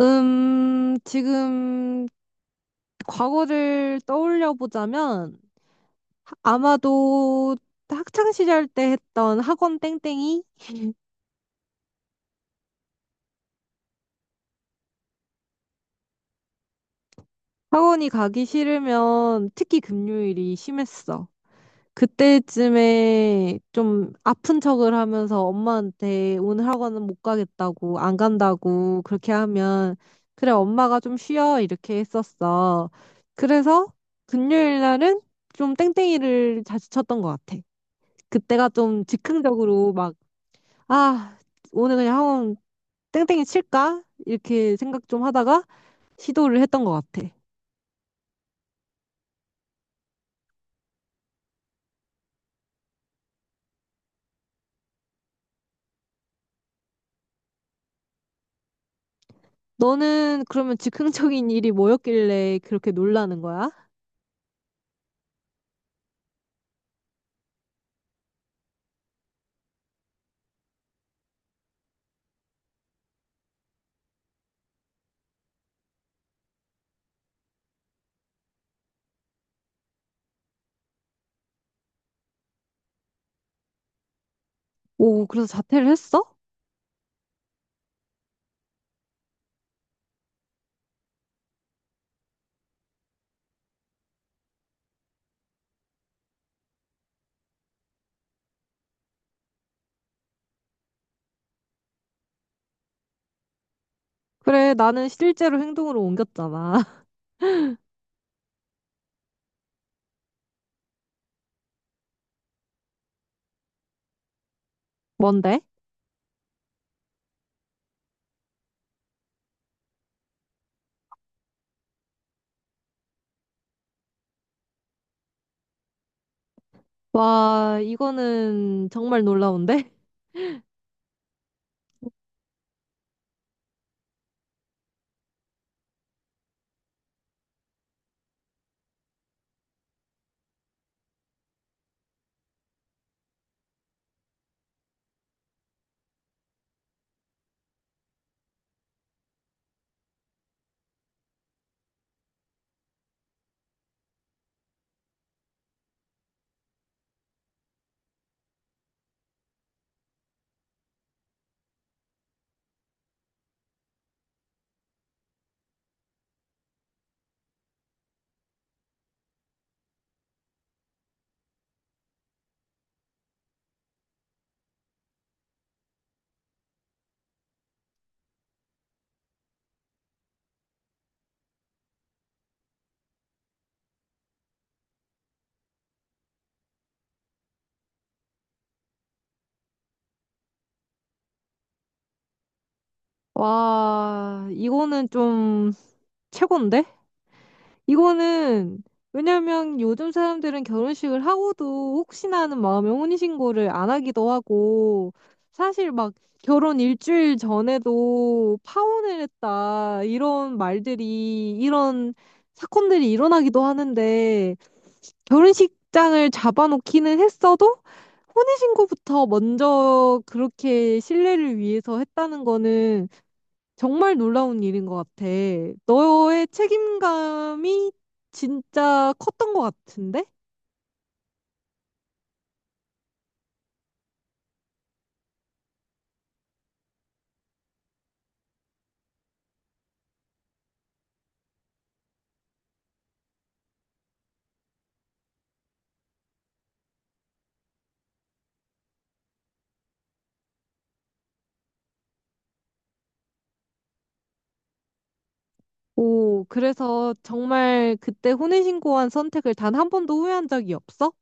지금 과거를 떠올려 보자면 아마도 학창 시절 때 했던 학원 땡땡이? 학원이 가기 싫으면 특히 금요일이 심했어. 그때쯤에 좀 아픈 척을 하면서 엄마한테 오늘 학원은 못 가겠다고, 안 간다고 그렇게 하면 그래, 엄마가 좀 쉬어. 이렇게 했었어. 그래서 금요일 날은 좀 땡땡이를 자주 쳤던 것 같아. 그때가 좀 즉흥적으로 막, 아, 오늘 그냥 학원 땡땡이 칠까? 이렇게 생각 좀 하다가 시도를 했던 것 같아. 너는 그러면 즉흥적인 일이 뭐였길래 그렇게 놀라는 거야? 오, 그래서 자퇴를 했어? 그래, 나는 실제로 행동으로 옮겼잖아. 뭔데? 와, 이거는 정말 놀라운데? 와, 이거는 좀 최고인데? 이거는 왜냐면 요즘 사람들은 결혼식을 하고도 혹시나 하는 마음에 혼인신고를 안 하기도 하고 사실 막 결혼 일주일 전에도 파혼을 했다 이런 말들이 이런 사건들이 일어나기도 하는데 결혼식장을 잡아놓기는 했어도 혼인신고부터 먼저 그렇게 신뢰를 위해서 했다는 거는 정말 놀라운 일인 것 같아. 너의 책임감이 진짜 컸던 것 같은데? 오, 그래서 정말 그때 혼인신고한 선택을 단 한 번도 후회한 적이 없어?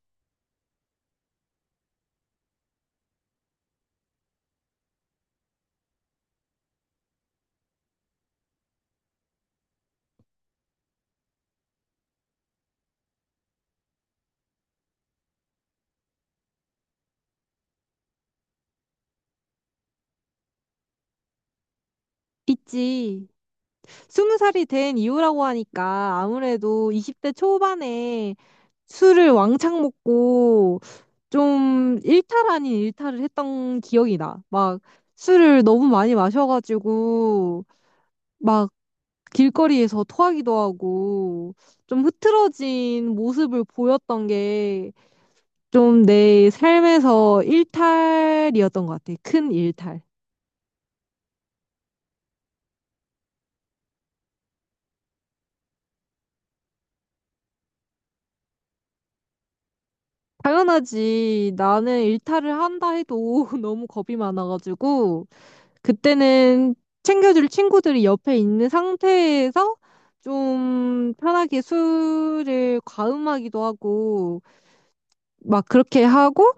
있지. 스무 살이 된 이후라고 하니까 아무래도 20대 초반에 술을 왕창 먹고 좀 일탈 아닌 일탈을 했던 기억이 나. 막 술을 너무 많이 마셔가지고 막 길거리에서 토하기도 하고 좀 흐트러진 모습을 보였던 게 좀 내 삶에서 일탈이었던 것 같아. 큰 일탈. 당연하지. 나는 일탈을 한다 해도 너무 겁이 많아가지고 그때는 챙겨줄 친구들이 옆에 있는 상태에서 좀 편하게 술을 과음하기도 하고 막 그렇게 하고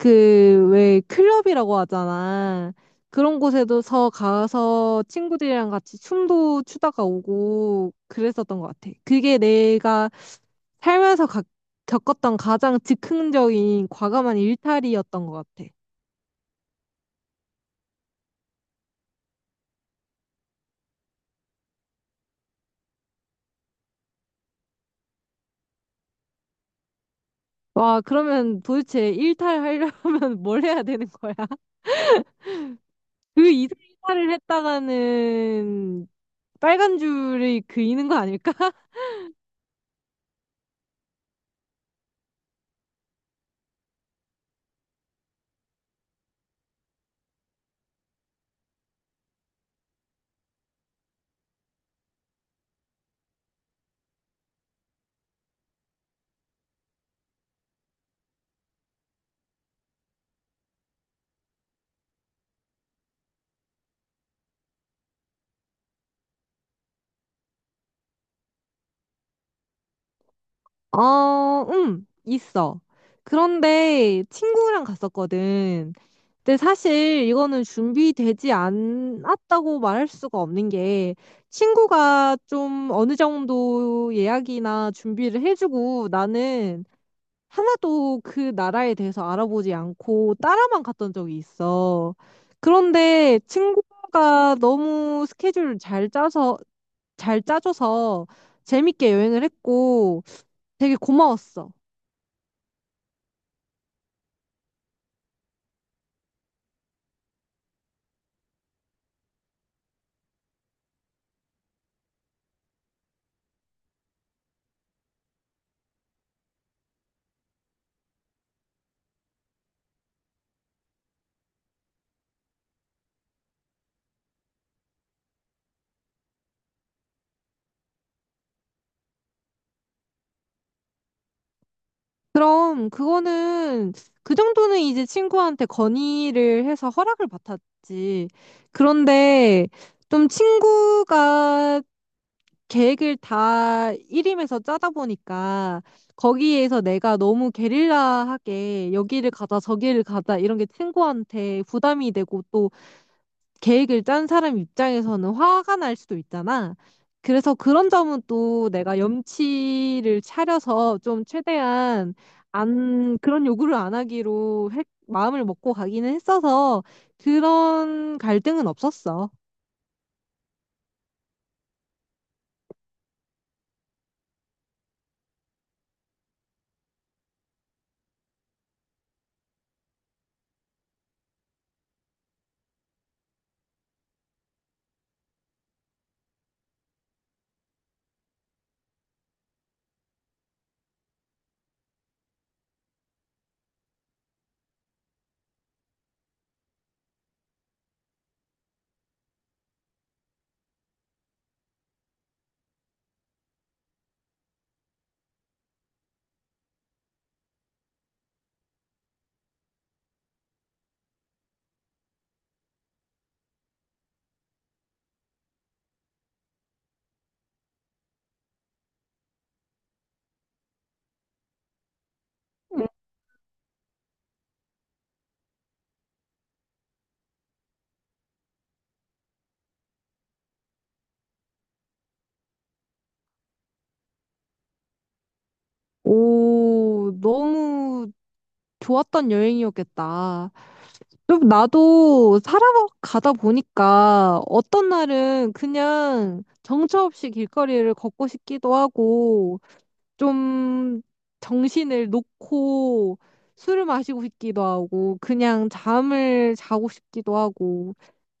그, 왜, 클럽이라고 하잖아. 그런 곳에서 가서 친구들이랑 같이 춤도 추다가 오고 그랬었던 것 같아. 그게 내가 살면서 겪었던 가장 즉흥적인 과감한 일탈이었던 것 같아. 와, 그러면 도대체 일탈하려면 뭘 해야 되는 거야? 그 일탈을 했다가는 빨간 줄이 그이는 거 아닐까? 어, 있어. 그런데 친구랑 갔었거든. 근데 사실 이거는 준비되지 않았다고 말할 수가 없는 게 친구가 좀 어느 정도 예약이나 준비를 해주고 나는 하나도 그 나라에 대해서 알아보지 않고 따라만 갔던 적이 있어. 그런데 친구가 너무 스케줄을 잘 짜서, 잘 짜줘서 재밌게 여행을 했고 되게 고마웠어. 그럼 그거는 그 정도는 이제 친구한테 건의를 해서 허락을 받았지. 그런데 좀 친구가 계획을 다 일임해서 짜다 보니까 거기에서 내가 너무 게릴라하게 여기를 가자 저기를 가자 이런 게 친구한테 부담이 되고 계획을 짠 사람 입장에서는 화가 날 수도 있잖아. 그래서 그런 점은 또 내가 염치를 차려서 좀 최대한 안, 그런 요구를 안 하기로 마음을 먹고 가기는 했어서 그런 갈등은 없었어. 음. 오, 너무 좋았던 여행이었겠다. 좀 나도 살아가다 보니까 어떤 날은 그냥 정처 없이 길거리를 걷고 싶기도 하고 좀 정신을 놓고 술을 마시고 싶기도 하고 그냥 잠을 자고 싶기도 하고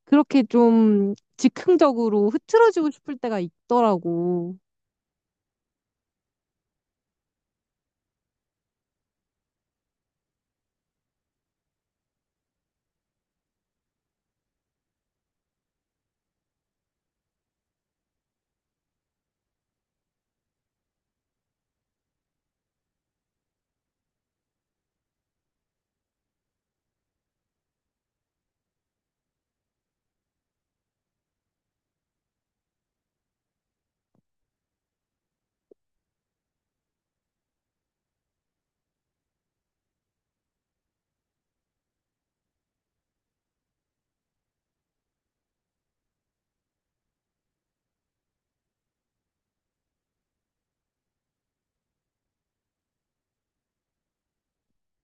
그렇게 좀 즉흥적으로 흐트러지고 싶을 때가 있더라고.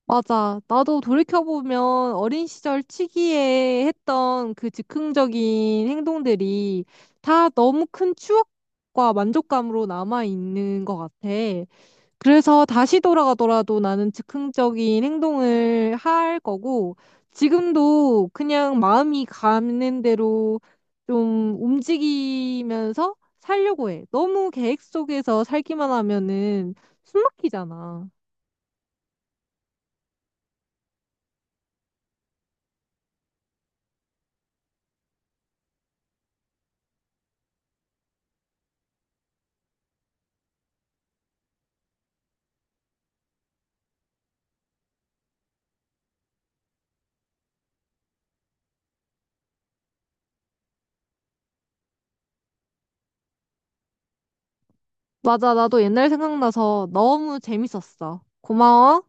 맞아. 나도 돌이켜보면 어린 시절 치기에 했던 그 즉흥적인 행동들이 다 너무 큰 추억과 만족감으로 남아있는 것 같아. 그래서 다시 돌아가더라도 나는 즉흥적인 행동을 할 거고, 지금도 그냥 마음이 가는 대로 좀 움직이면서 살려고 해. 너무 계획 속에서 살기만 하면은 숨 막히잖아. 맞아, 나도 옛날 생각나서 너무 재밌었어. 고마워.